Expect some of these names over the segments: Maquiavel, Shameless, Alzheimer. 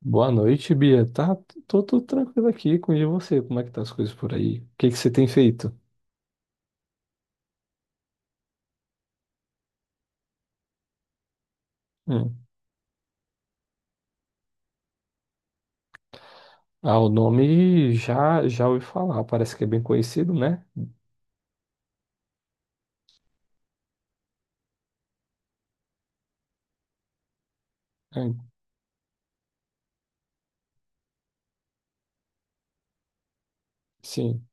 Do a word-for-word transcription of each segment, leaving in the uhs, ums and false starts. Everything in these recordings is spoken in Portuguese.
Boa noite, Bia. Tá, tô, tô tranquilo aqui com e você. Como é que tá as coisas por aí? O que que você tem feito? Hum. Ah, o nome já já ouvi falar. Parece que é bem conhecido, né? É, sim,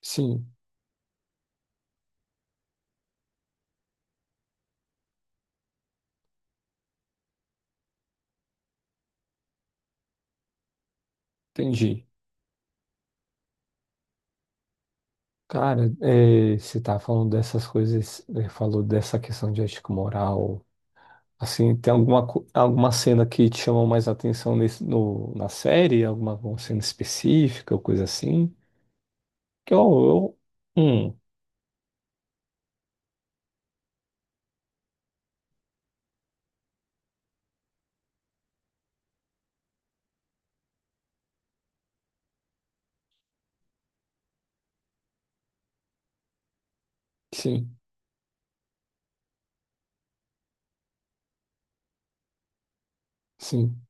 sim, entendi. Cara, é, você tá falando dessas coisas, é, falou dessa questão de ética e moral. Assim, tem alguma, co- alguma cena que te chamou mais atenção nesse, no, na série? Alguma, alguma cena específica ou coisa assim? Que eu, eu, hum, sim, sim.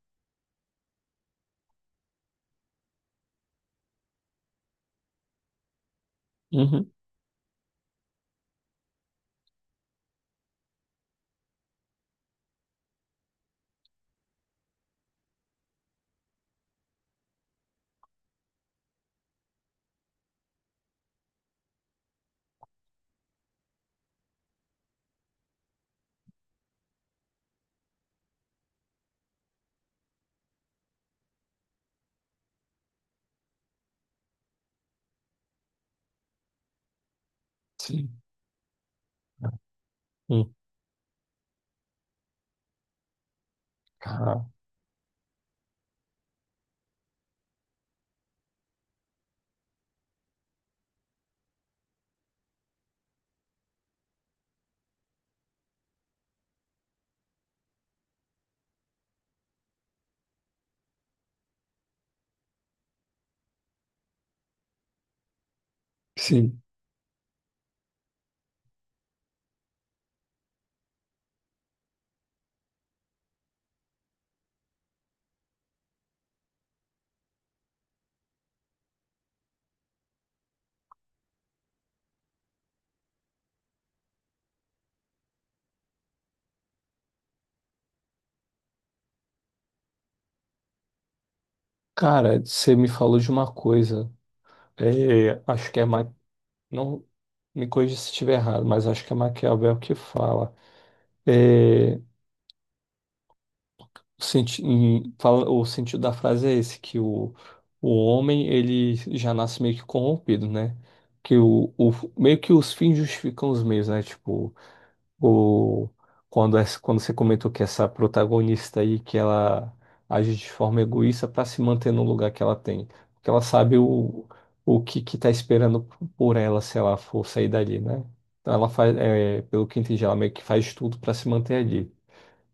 Uhum. Sim. Hum, cara, sim. Cara, você me falou de uma coisa. É, acho que é Ma... não me corrija se estiver errado, mas acho que é Maquiavel que fala. É, o senti... em- fala- o sentido da frase é esse, que o, o homem ele já nasce meio que corrompido, né? Que o, o meio que os fins justificam os meios, né? Tipo O, quando, essa, quando você comentou que essa protagonista aí, que ela age de forma egoísta para se manter no lugar que ela tem. Porque ela sabe o, o que que tá esperando por ela se ela for sair dali, né? Então ela faz, é, pelo que entendi, ela meio que faz tudo para se manter ali.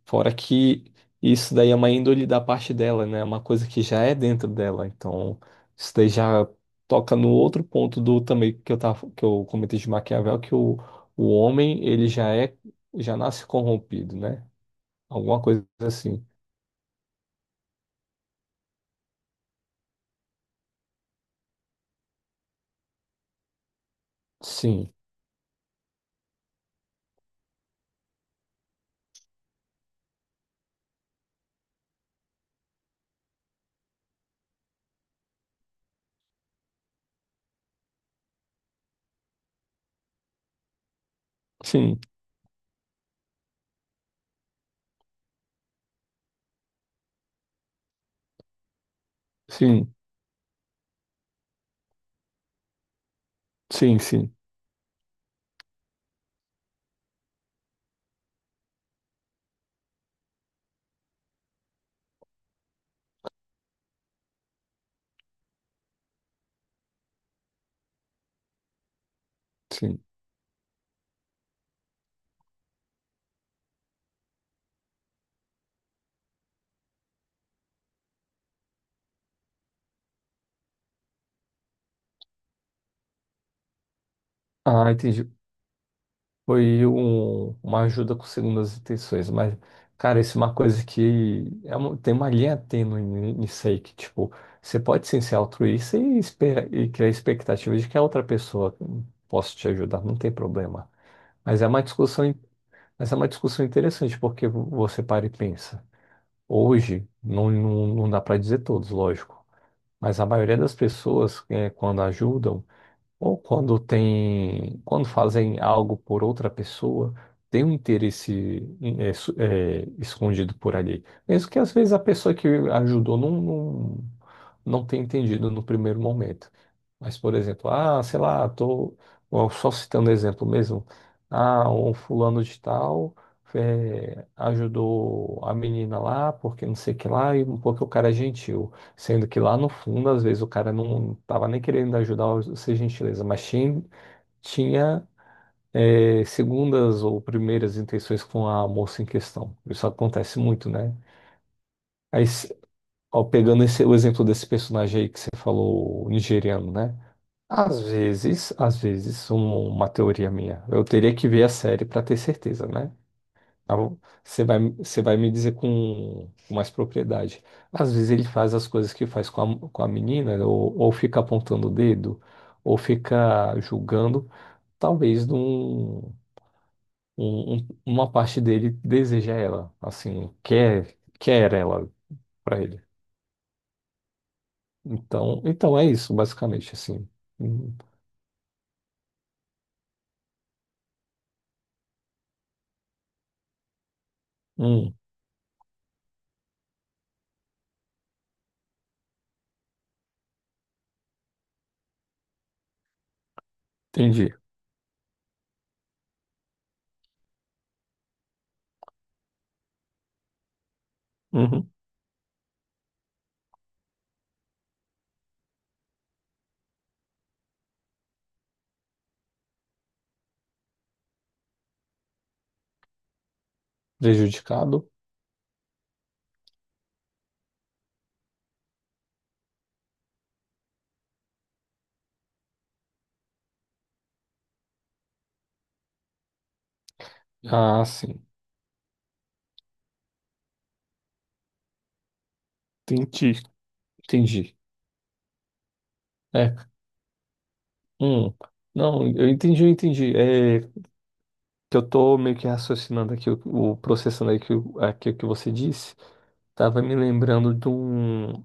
Fora que isso daí é uma índole da parte dela, né? É uma coisa que já é dentro dela. Então, isso daí já toca no outro ponto do também que eu tava, que eu comentei de Maquiavel, que o, o homem, ele já é, já nasce corrompido, né? Alguma coisa assim. Sim, sim, sim, sim, sim, sim. Ah, entendi. foi um- uma ajuda com segundas intenções, mas, cara, isso é uma coisa que é uma- tem uma linha tênue ni- nisso aí, que, tipo, você pode sim ser altruísta e, espera, e criar expectativa de que a outra pessoa possa te ajudar, não tem problema. Mas é uma discussão, in- mas é uma discussão interessante, porque vo- você para e pensa. Hoje, não, não, não dá para dizer todos, lógico, mas a maioria das pessoas, eh, quando ajudam, ou quando tem, quando fazem algo por outra pessoa, tem um interesse é, su- é, escondido por ali. Mesmo que às vezes a pessoa que ajudou não, não, não tenha entendido no primeiro momento. Mas, por exemplo, ah, sei lá, tô ó, só citando exemplo mesmo. Ah, um fulano de tal é, ajudou a menina lá porque não sei o que lá, e porque o cara é gentil. Sendo que lá no fundo, às vezes, o cara não tava nem querendo ajudar ou ser gentileza, mas tinha, tinha, é, segundas ou primeiras intenções com a moça em questão. Isso acontece muito, né? Aí, se- ó, pegando esse, o exemplo desse personagem aí que você falou, o nigeriano, né? Às vezes, às vezes, um- uma teoria minha. Eu teria que ver a série para ter certeza, né? Tá bom? Você vai, você vai me dizer com, com mais propriedade. Às vezes ele faz as coisas que faz com a, com a menina, ou, ou fica apontando o dedo, ou fica julgando. Talvez num, um- um- um, uma parte dele deseja ela, assim, quer, quer ela para ele. Então, então é isso, basicamente, assim. Hum, hum, entendi. Uhum. Prejudicado? Ah, sim. Entendi, entendi. É, hum. Não, eu entendi, eu entendi. É, que eu tô meio que raciocinando aqui, o, o- processando aqui, o- aqui o que você disse, tava me lembrando de, um,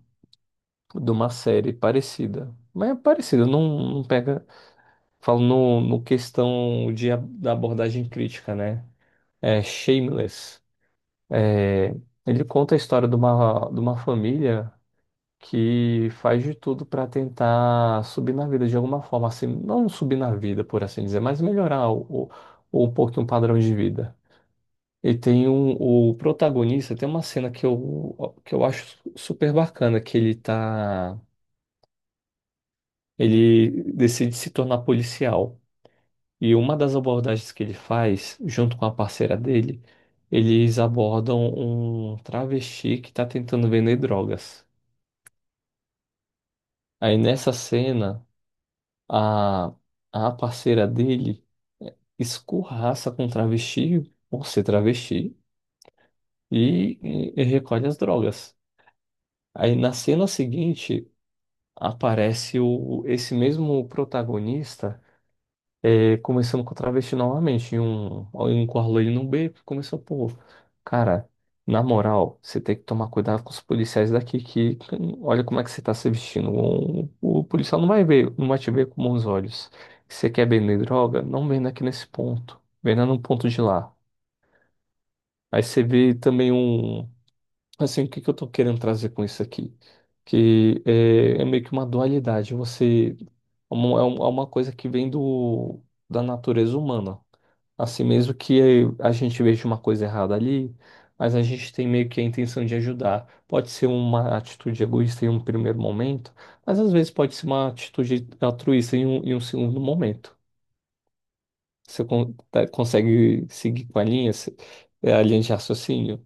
de uma série parecida. Mas é parecida, não, não pega. Falo no, no questão de, a- da abordagem crítica, né? É Shameless. É, ele conta a história de uma, de uma família que faz de tudo para tentar subir na vida de alguma forma, assim, não subir na vida, por assim dizer, mas melhorar o, o, um pouquinho o padrão de vida. E tem um, o protagonista, tem uma cena que eu, que eu acho super bacana, que ele tá, ele decide se tornar policial. E uma das abordagens que ele faz, junto com a parceira dele, eles abordam um travesti que tá tentando vender drogas. Aí nessa cena, a, a parceira dele é, escorraça com o travesti, por ser travesti, e, e recolhe as drogas. Aí na cena seguinte, aparece o, o- esse mesmo protagonista é, começando com a travesti novamente, em um, em um quarto ali no beco, começou, pô, cara, na moral, você tem que tomar cuidado com os policiais daqui, que olha como é que você tá se vestindo, o, o policial não vai ver, não vai te ver com bons olhos, você quer vender droga? Não venda aqui nesse ponto, venda num ponto de lá. Aí você vê também um Assim, o que que eu tô querendo trazer com isso aqui? Que é, é meio que uma dualidade. Você é uma- é um- é uma coisa que vem do, da natureza humana. Assim mesmo que a gente veja uma coisa errada ali, mas a gente tem meio que a intenção de ajudar. Pode ser uma atitude egoísta em um primeiro momento, mas às vezes pode ser uma atitude altruísta em um, em um segundo momento. Você con- tá- consegue seguir com a linha, se- é, a linha de raciocínio?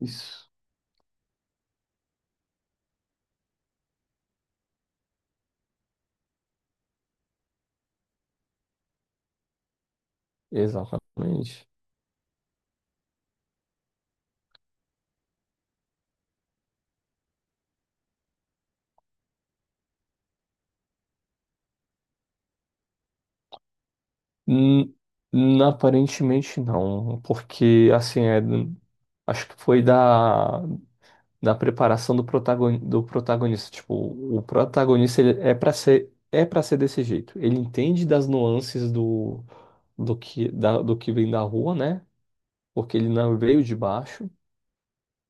Isso. Exatamente. Hum, n- aparentemente não, porque assim é, acho que foi da, da preparação do, protagoni, do protagonista. Tipo, o protagonista ele é para ser é para ser desse jeito. Ele entende das nuances do do que da, do que vem da rua, né? Porque ele não veio de baixo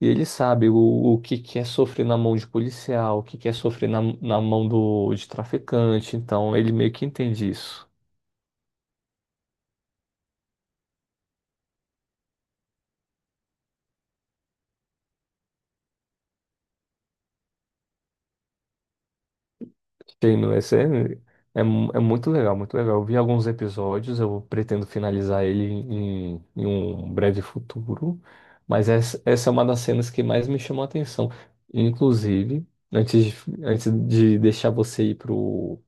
e ele sabe o, o que que é sofrer na mão de policial, o que que é sofrer na, na mão do de traficante. Então ele meio que entende isso. Sim, no esse é, é, mu- é muito legal, muito legal. Eu vi alguns episódios, eu pretendo finalizar ele em, em um breve futuro, mas essa, essa é uma das cenas que mais me chamou a atenção. Inclusive, antes de, antes de deixar você ir pro,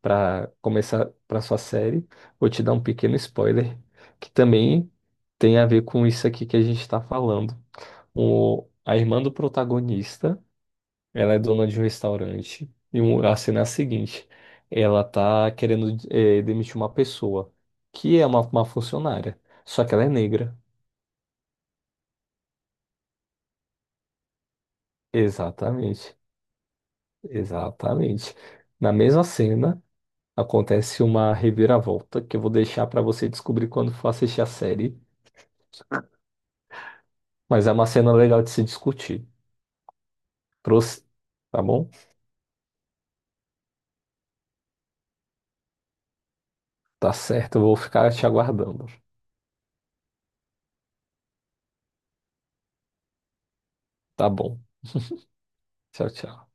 para começar para sua série, vou te dar um pequeno spoiler que também tem a ver com isso aqui que a gente está falando. O, a irmã do protagonista. Ela é dona de um restaurante. E um- a cena é a seguinte: ela tá querendo eh, demitir uma pessoa que é uma, uma funcionária, só que ela é negra. Exatamente, exatamente. Na mesma cena acontece uma reviravolta que eu vou deixar para você descobrir quando for assistir a série. Mas é uma cena legal de se discutir. Trouxe, tá bom? Tá certo, eu vou ficar te aguardando. Tá bom. Tchau, tchau.